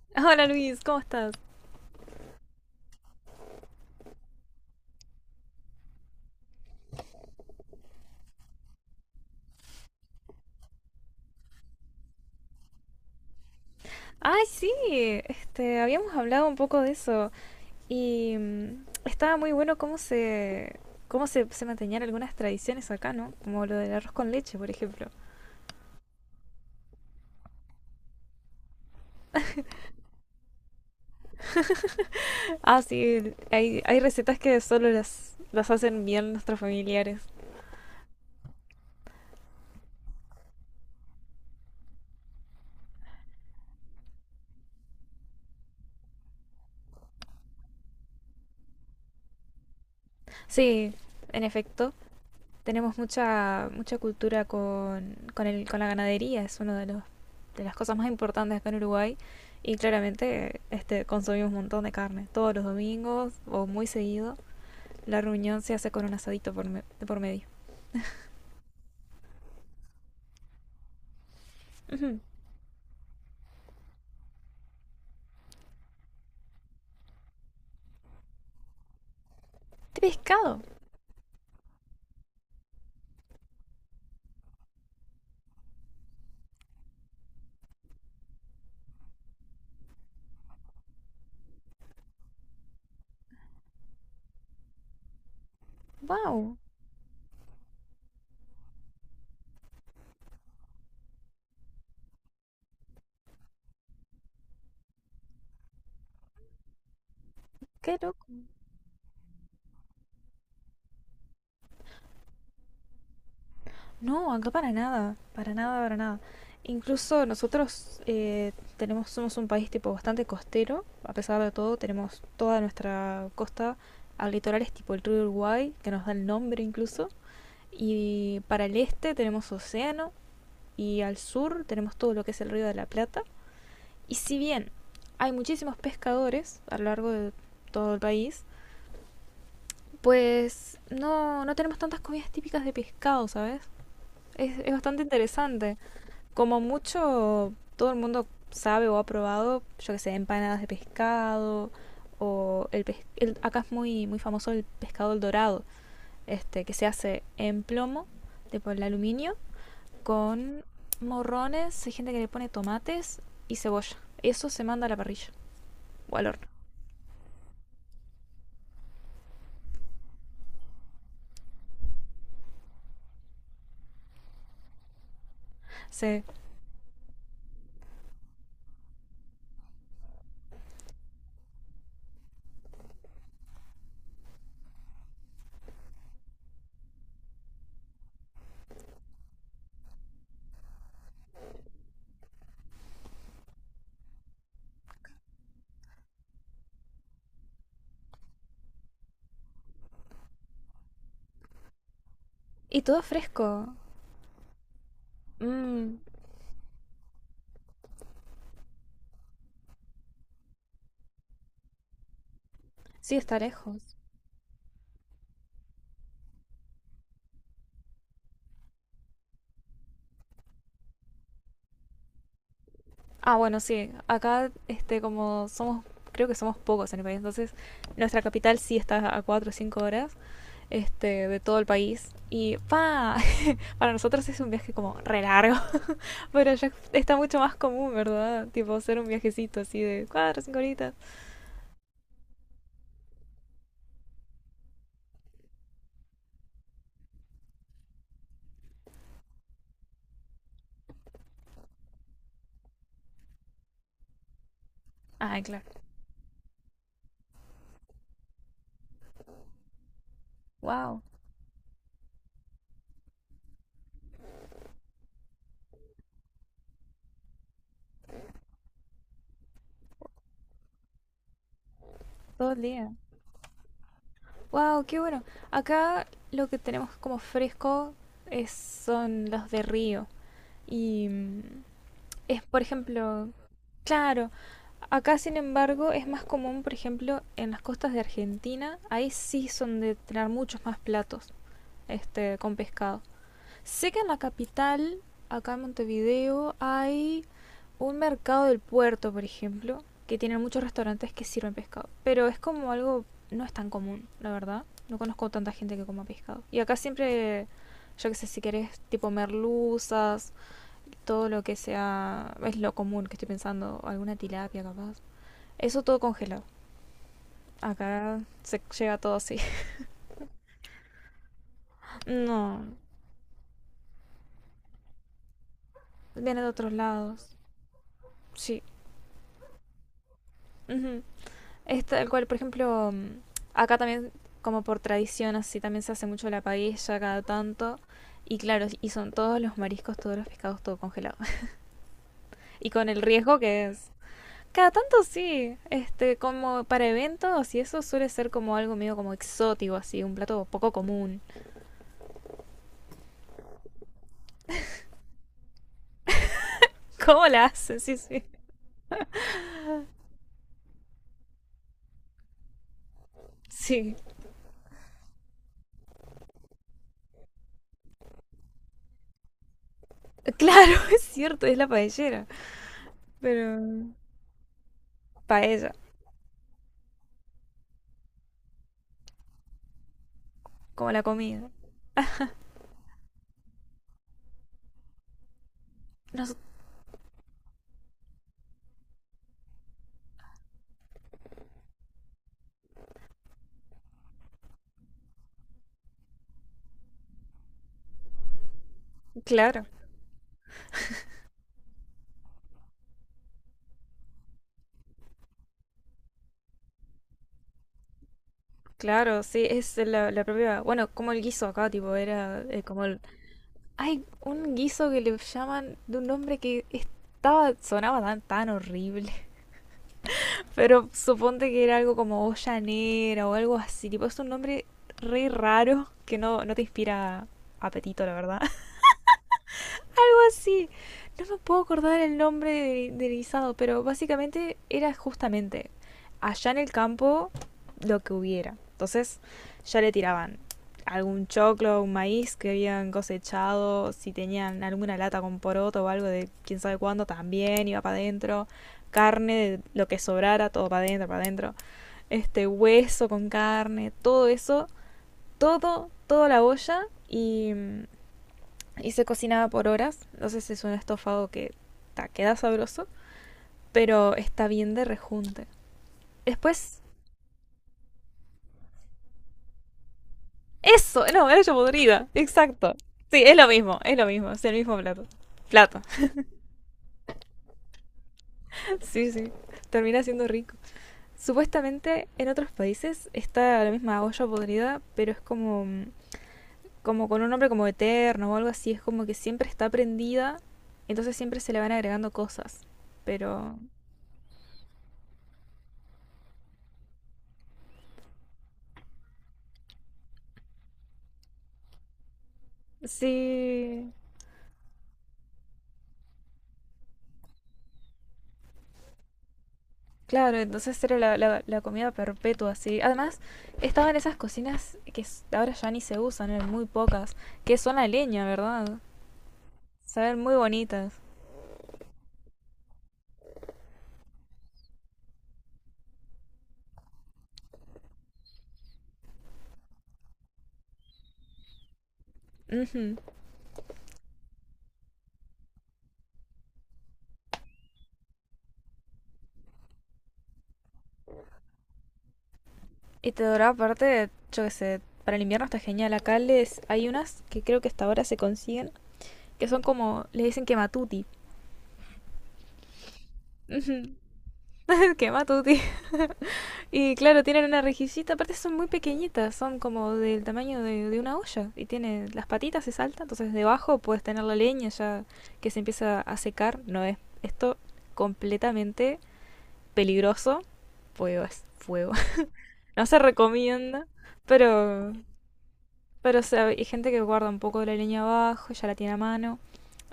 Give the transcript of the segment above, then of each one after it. Hola Luis, ¿cómo estás? Ay, sí, este, habíamos hablado un poco de eso y estaba muy bueno cómo se mantenían algunas tradiciones acá, ¿no? Como lo del arroz con leche, por ejemplo. Ah, sí, hay recetas que solo las hacen bien nuestros familiares. Sí, en efecto. Tenemos mucha, mucha cultura con la ganadería, es una de, los, de las cosas más importantes acá en Uruguay. Y claramente este, consumimos un montón de carne, todos los domingos o muy seguido. La reunión se hace con un asadito por medio. Ujú. ¡De pescado! ¡Wow! ¡Qué loco! No, acá para nada, para nada, para nada. Incluso nosotros tenemos, somos un país tipo bastante costero, a pesar de todo, tenemos toda nuestra costa al litoral es tipo el río Uruguay, que nos da el nombre incluso, y para el este tenemos océano y al sur tenemos todo lo que es el río de la Plata. Y si bien hay muchísimos pescadores a lo largo de todo el país, pues no, no tenemos tantas comidas típicas de pescado, ¿sabes? Es bastante interesante. Como mucho, todo el mundo sabe o ha probado, yo que sé, empanadas de pescado o el, pes- el- acá es muy muy famoso el pescado el dorado, este que se hace en plomo, de por el aluminio con morrones, hay gente que le pone tomates y cebolla. Eso se manda a la parrilla o al horno. Sí. Y todo fresco. Mm, sí, está lejos. Ah, bueno, sí. Acá, este, como somos, creo que somos pocos en el país, entonces nuestra capital sí está a 4 o 5 horas, este, de todo el país. Y pa, para nosotros es un viaje como re largo, pero ya está mucho más común, ¿verdad? Tipo hacer un viajecito así de 4 o 5 horitas. Ah, claro. Wow, todo el día. Wow, qué bueno. Acá lo que tenemos como fresco es, son los de río. Y mm, es, por ejemplo, claro, acá, sin embargo, es más común, por ejemplo, en las costas de Argentina, ahí sí son de tener muchos más platos este, con pescado. Sé que en la capital, acá en Montevideo, hay un mercado del puerto, por ejemplo, que tiene muchos restaurantes que sirven pescado, pero es como algo, no es tan común, la verdad. No conozco tanta gente que coma pescado. Y acá siempre, yo que sé, si querés, tipo merluzas, todo lo que sea, es lo común que estoy pensando, alguna tilapia capaz. Eso todo congelado. Acá se llega todo así. No, viene de otros lados. Sí. Ujú. Es tal cual, por ejemplo, acá también, como por tradición, así también se hace mucho la paella cada tanto. Y claro, y son todos los mariscos, todos los pescados, todo congelado. Y con el riesgo que es. Cada tanto sí, este, como para eventos y eso suele ser como algo medio como exótico, así, un plato poco común. ¿Cómo la hacen? Sí, sí. Sí. Claro, es cierto, es la paellera. Pero paella, como la comida. No sé, claro, claro, sí, es la, la propia. Bueno, como el guiso acá, tipo, era como el. Hay un guiso que le llaman de un nombre que estaba, sonaba tan, tan horrible. Pero suponte que era algo como ollanera o algo así, tipo, es un nombre re raro que no, no te inspira apetito, la verdad. Sí, no me puedo acordar el nombre del guisado, pero básicamente era justamente allá en el campo lo que hubiera. Entonces ya le tiraban algún choclo, un maíz que habían cosechado, si tenían alguna lata con poroto o algo de quién sabe cuándo, también iba para adentro, carne, de lo que sobrara, todo para adentro, este hueso con carne, todo eso, todo, toda la olla y mm, y se cocinaba por horas. Entonces es un estofado que ta, queda sabroso, pero está bien de rejunte. Después, eso, no, era yo podrida, exacto. Sí, es lo mismo, es lo mismo, es el mismo plato. Plato, sí, sí, termina siendo rico. Supuestamente en otros países está la misma olla podrida, pero es como, como con un nombre como eterno o algo así, es como que siempre está prendida, entonces siempre se le van agregando cosas. Pero sí, claro, entonces era la comida perpetua, así. Además, estaban esas cocinas que ahora ya ni se usan, eran muy pocas, que son a leña, ¿verdad? Se ven muy bonitas. Ujú. Y te duraba aparte, yo qué sé, para el invierno está genial. Acá les, hay unas que creo que hasta ahora se consiguen, que son como, le dicen quematuti. Ujú. Quematuti. Y claro, tienen una rejillita, aparte son muy pequeñitas, son como del tamaño de una olla. Y tiene las patitas, se salta, entonces debajo puedes tener la leña ya que se empieza a secar. No es esto completamente peligroso, fuego es fuego. No se recomienda, pero, pero o sea, hay gente que guarda un poco de la leña abajo, ya la tiene a mano,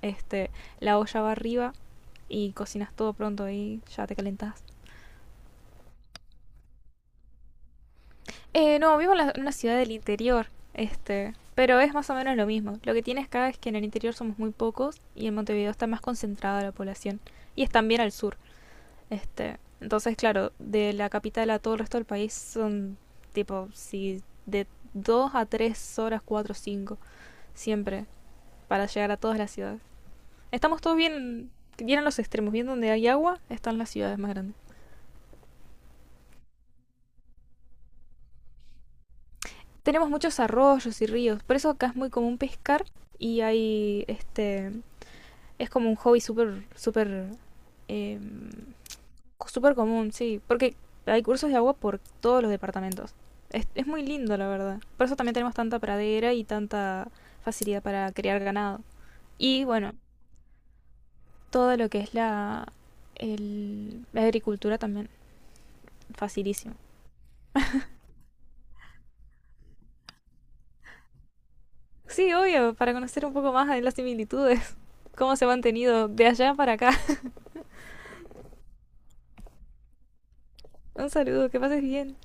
este, la olla va arriba y cocinas todo pronto y ya te calentás. No, vivo en, en una ciudad del interior, este, pero es más o menos lo mismo. Lo que tienes acá es que en el interior somos muy pocos y en Montevideo está más concentrada la población y es también al sur, este. Entonces, claro, de la capital a todo el resto del país son tipo, si de 2 a 3 horas, cuatro, o cinco, siempre, para llegar a todas las ciudades. Estamos todos bien, bien en los extremos, bien donde hay agua, están las ciudades más grandes. Tenemos muchos arroyos y ríos, por eso acá es muy común pescar y hay este es como un hobby súper, súper, eh, súper común, sí. Porque hay cursos de agua por todos los departamentos. Es muy lindo, la verdad. Por eso también tenemos tanta pradera y tanta facilidad para criar ganado. Y bueno, todo lo que es la agricultura también, facilísimo. Sí, obvio, para conocer un poco más de las similitudes, cómo se ha mantenido de allá para acá. Un saludo, que pases bien.